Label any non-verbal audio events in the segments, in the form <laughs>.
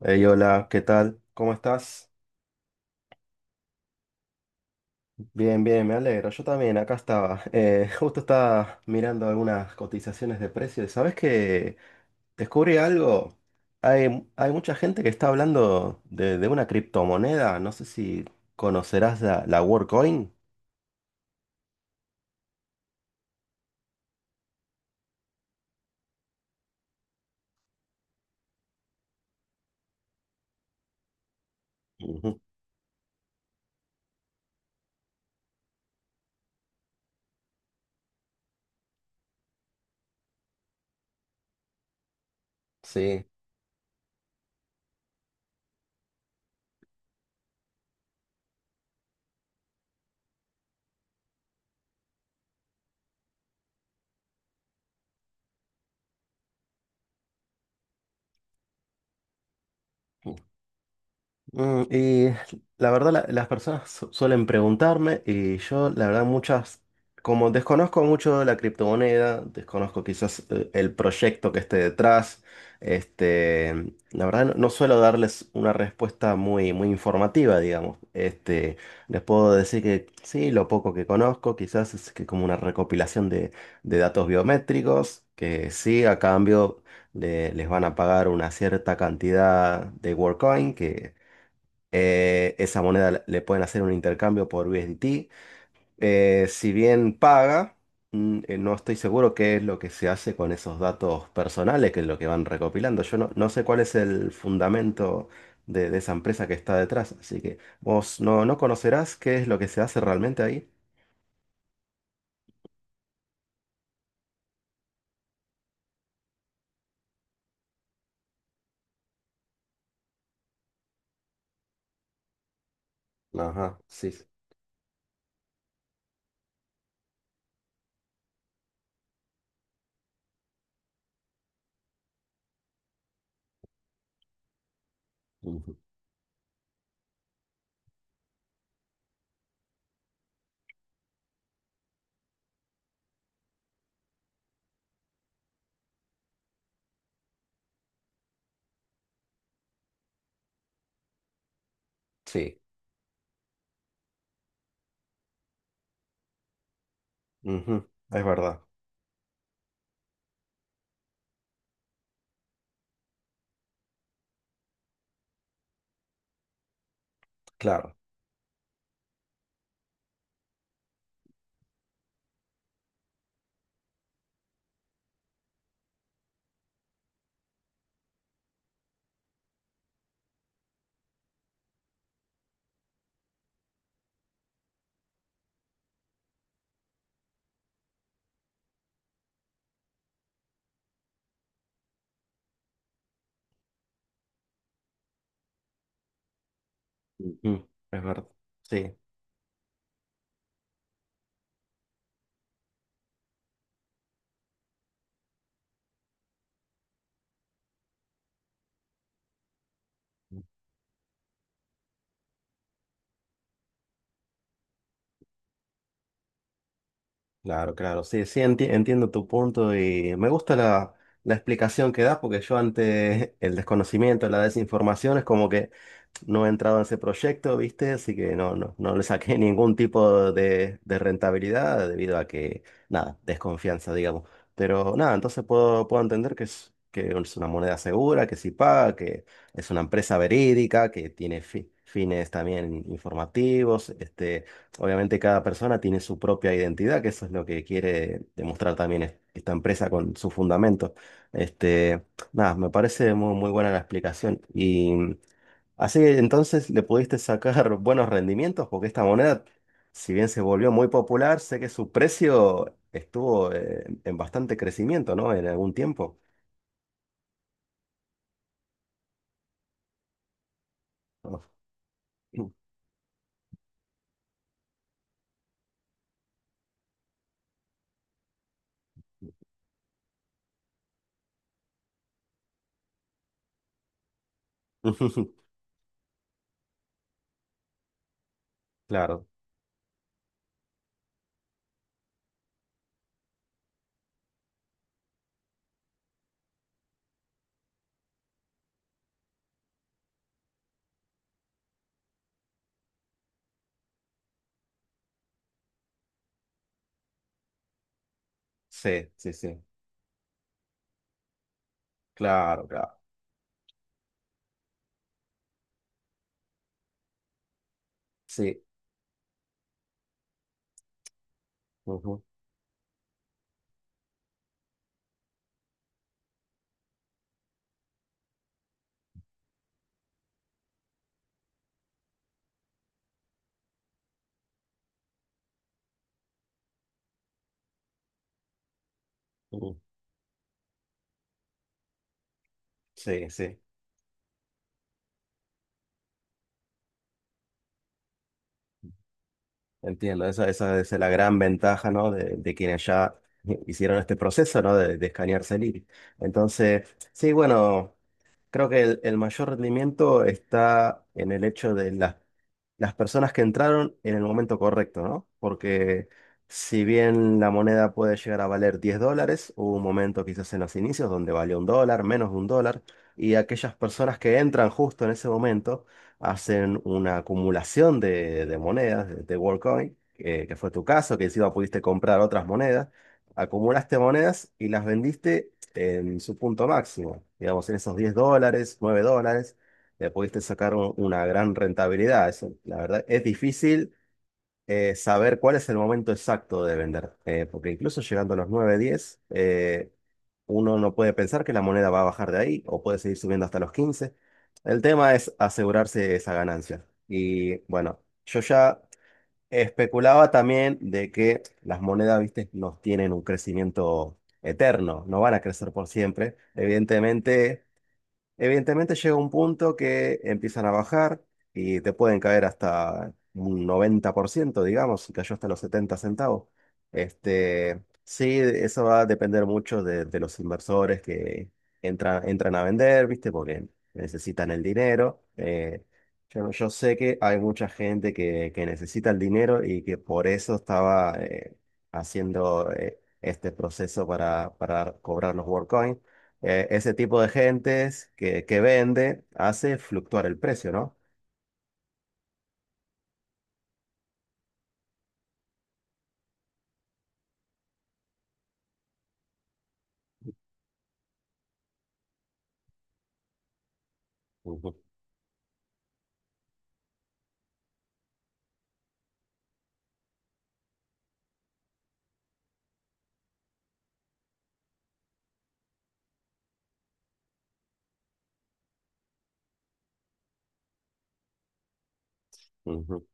Hey, hola, ¿qué tal? ¿Cómo estás? Bien, bien, me alegro. Yo también, acá estaba. <laughs> Justo estaba mirando algunas cotizaciones de precios. ¿Sabes qué? Descubrí algo. Hay mucha gente que está hablando de una criptomoneda. No sé si conocerás la WorldCoin. Ujú, sí. Y la verdad las personas suelen preguntarme y yo la verdad muchas, como desconozco mucho la criptomoneda, desconozco quizás el proyecto que esté detrás, este, la verdad no suelo darles una respuesta muy, muy informativa, digamos. Este, les puedo decir que sí, lo poco que conozco quizás es que como una recopilación de datos biométricos, que sí, a cambio les van a pagar una cierta cantidad de WorkCoin que esa moneda le pueden hacer un intercambio por USDT. Si bien paga, no estoy seguro qué es lo que se hace con esos datos personales, que es lo que van recopilando. Yo no sé cuál es el fundamento de esa empresa que está detrás, así que vos no conocerás qué es lo que se hace realmente ahí. Ajá, sí. Sí, ujú, sí, ujú, es verdad, claro. Ujú, es verdad. Sí. Claro, claro, sí, sí, entiendo tu punto y me gusta la explicación que das porque yo ante el desconocimiento, la desinformación, es como que no he entrado en ese proyecto, ¿viste? Así que no, no, no le saqué <laughs> ningún tipo de rentabilidad debido a que, nada, desconfianza, digamos. Pero nada, entonces puedo entender que es una moneda segura, que sí paga, que es una empresa verídica, que tiene fines también informativos. Este, obviamente cada persona tiene su propia identidad, que eso es lo que quiere demostrar también esta empresa con su fundamento. Este, nada, me parece muy, muy buena la explicación. Y. Así que entonces le pudiste sacar <laughs> buenos rendimientos porque esta moneda, si bien se volvió muy popular, sé que su precio estuvo en bastante crecimiento, ¿no? En algún tiempo. ¿No? <laughs> Claro, sí, sí, sí. Claro, claro. Sí. Ujú, ujú. Sí, sí. Entiendo. Esa es la gran ventaja, ¿no? De quienes ya <laughs> hicieron este proceso, ¿no? De escanearse el iris. Entonces, sí, bueno. Creo que el mayor rendimiento está en el hecho de las personas que entraron en el momento correcto, ¿no? Porque si bien la moneda puede llegar a valer 10 dólares, hubo un momento quizás en los inicios donde valió un dólar, menos de un dólar, y aquellas personas que entran justo en ese momento hacen una acumulación de monedas, de WorldCoin, que fue tu caso, que encima pudiste comprar otras monedas, acumulaste monedas y las vendiste en su punto máximo. Digamos, en esos 10 dólares, 9 dólares, le pudiste sacar una gran rentabilidad. Eso, la verdad, es difícil saber cuál es el momento exacto de vender, porque incluso llegando a los 9 10 uno no puede pensar que la moneda va a bajar de ahí o puede seguir subiendo hasta los 15. El tema es asegurarse esa ganancia. Y bueno, yo ya especulaba también de que las monedas, viste, no tienen un crecimiento eterno, no van a crecer por siempre. Evidentemente, llega un punto que empiezan a bajar y te pueden caer hasta un 90%, digamos, y cayó hasta los 70 centavos. Este, sí, eso va a depender mucho de los inversores que entran a vender, ¿viste? Porque necesitan el dinero. Yo sé que hay mucha gente que necesita el dinero y que por eso estaba haciendo este proceso para cobrar los WorldCoin. Ese tipo de gentes que vende hace fluctuar el precio, ¿no? Ujú, ujú.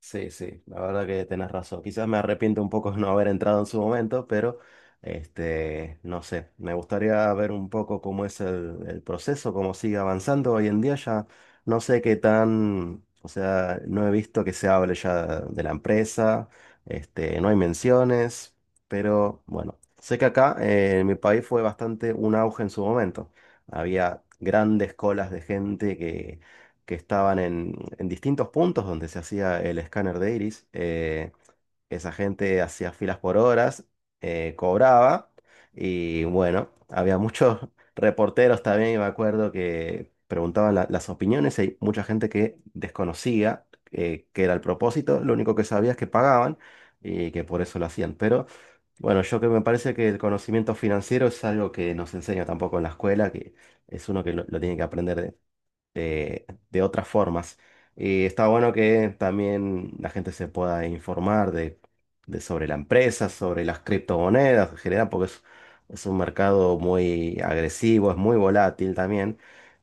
Sí, sí, la verdad que tenés razón. Quizás me arrepiento un poco de no haber entrado en su momento, pero este, no sé, me gustaría ver un poco cómo es el proceso, cómo sigue avanzando. Hoy en día ya no sé qué tan, o sea, no he visto que se hable ya de la empresa, este, no hay menciones, pero bueno, sé que acá en mi país fue bastante un auge en su momento. Había grandes colas de gente que estaban en distintos puntos donde se hacía el escáner de iris. Esa gente hacía filas por horas, cobraba y bueno, había muchos <laughs> reporteros también, y me acuerdo, que preguntaban las opiniones y hay mucha gente que desconocía qué era el propósito, lo único que sabía es que pagaban y que por eso lo hacían. Pero bueno, yo que me parece que el conocimiento financiero es algo que nos enseña tampoco en la escuela, que es uno que lo tiene que aprender de otras formas. Y está bueno que también la gente se pueda informar de sobre la empresa, sobre las criptomonedas en general, porque es un mercado muy agresivo, es muy volátil también.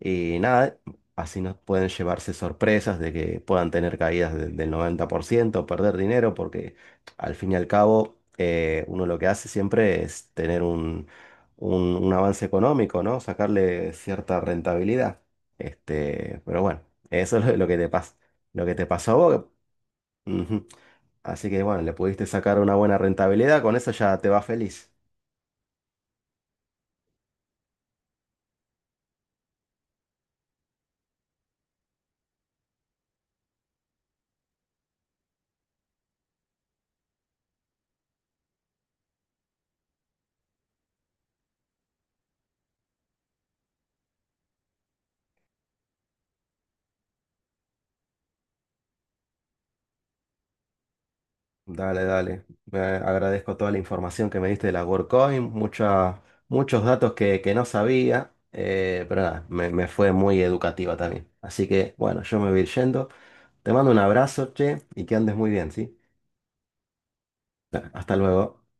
Y nada, así nos pueden llevarse sorpresas de que puedan tener caídas del 90%, perder dinero, porque al fin y al cabo uno lo que hace siempre es tener un, un avance económico, ¿no? Sacarle cierta rentabilidad. Este, pero bueno, eso es lo que te pasa, lo que te pasó a vos. Ujú. Así que bueno, le pudiste sacar una buena rentabilidad, con eso ya te va feliz. Dale, dale. Eh, agradezco toda la información que me diste de la WorldCoin, muchos datos que no sabía, pero nada, me fue muy educativa también. Así que bueno, yo me voy a ir yendo. Te mando un abrazo, che, y que andes muy bien, ¿sí? Hasta luego.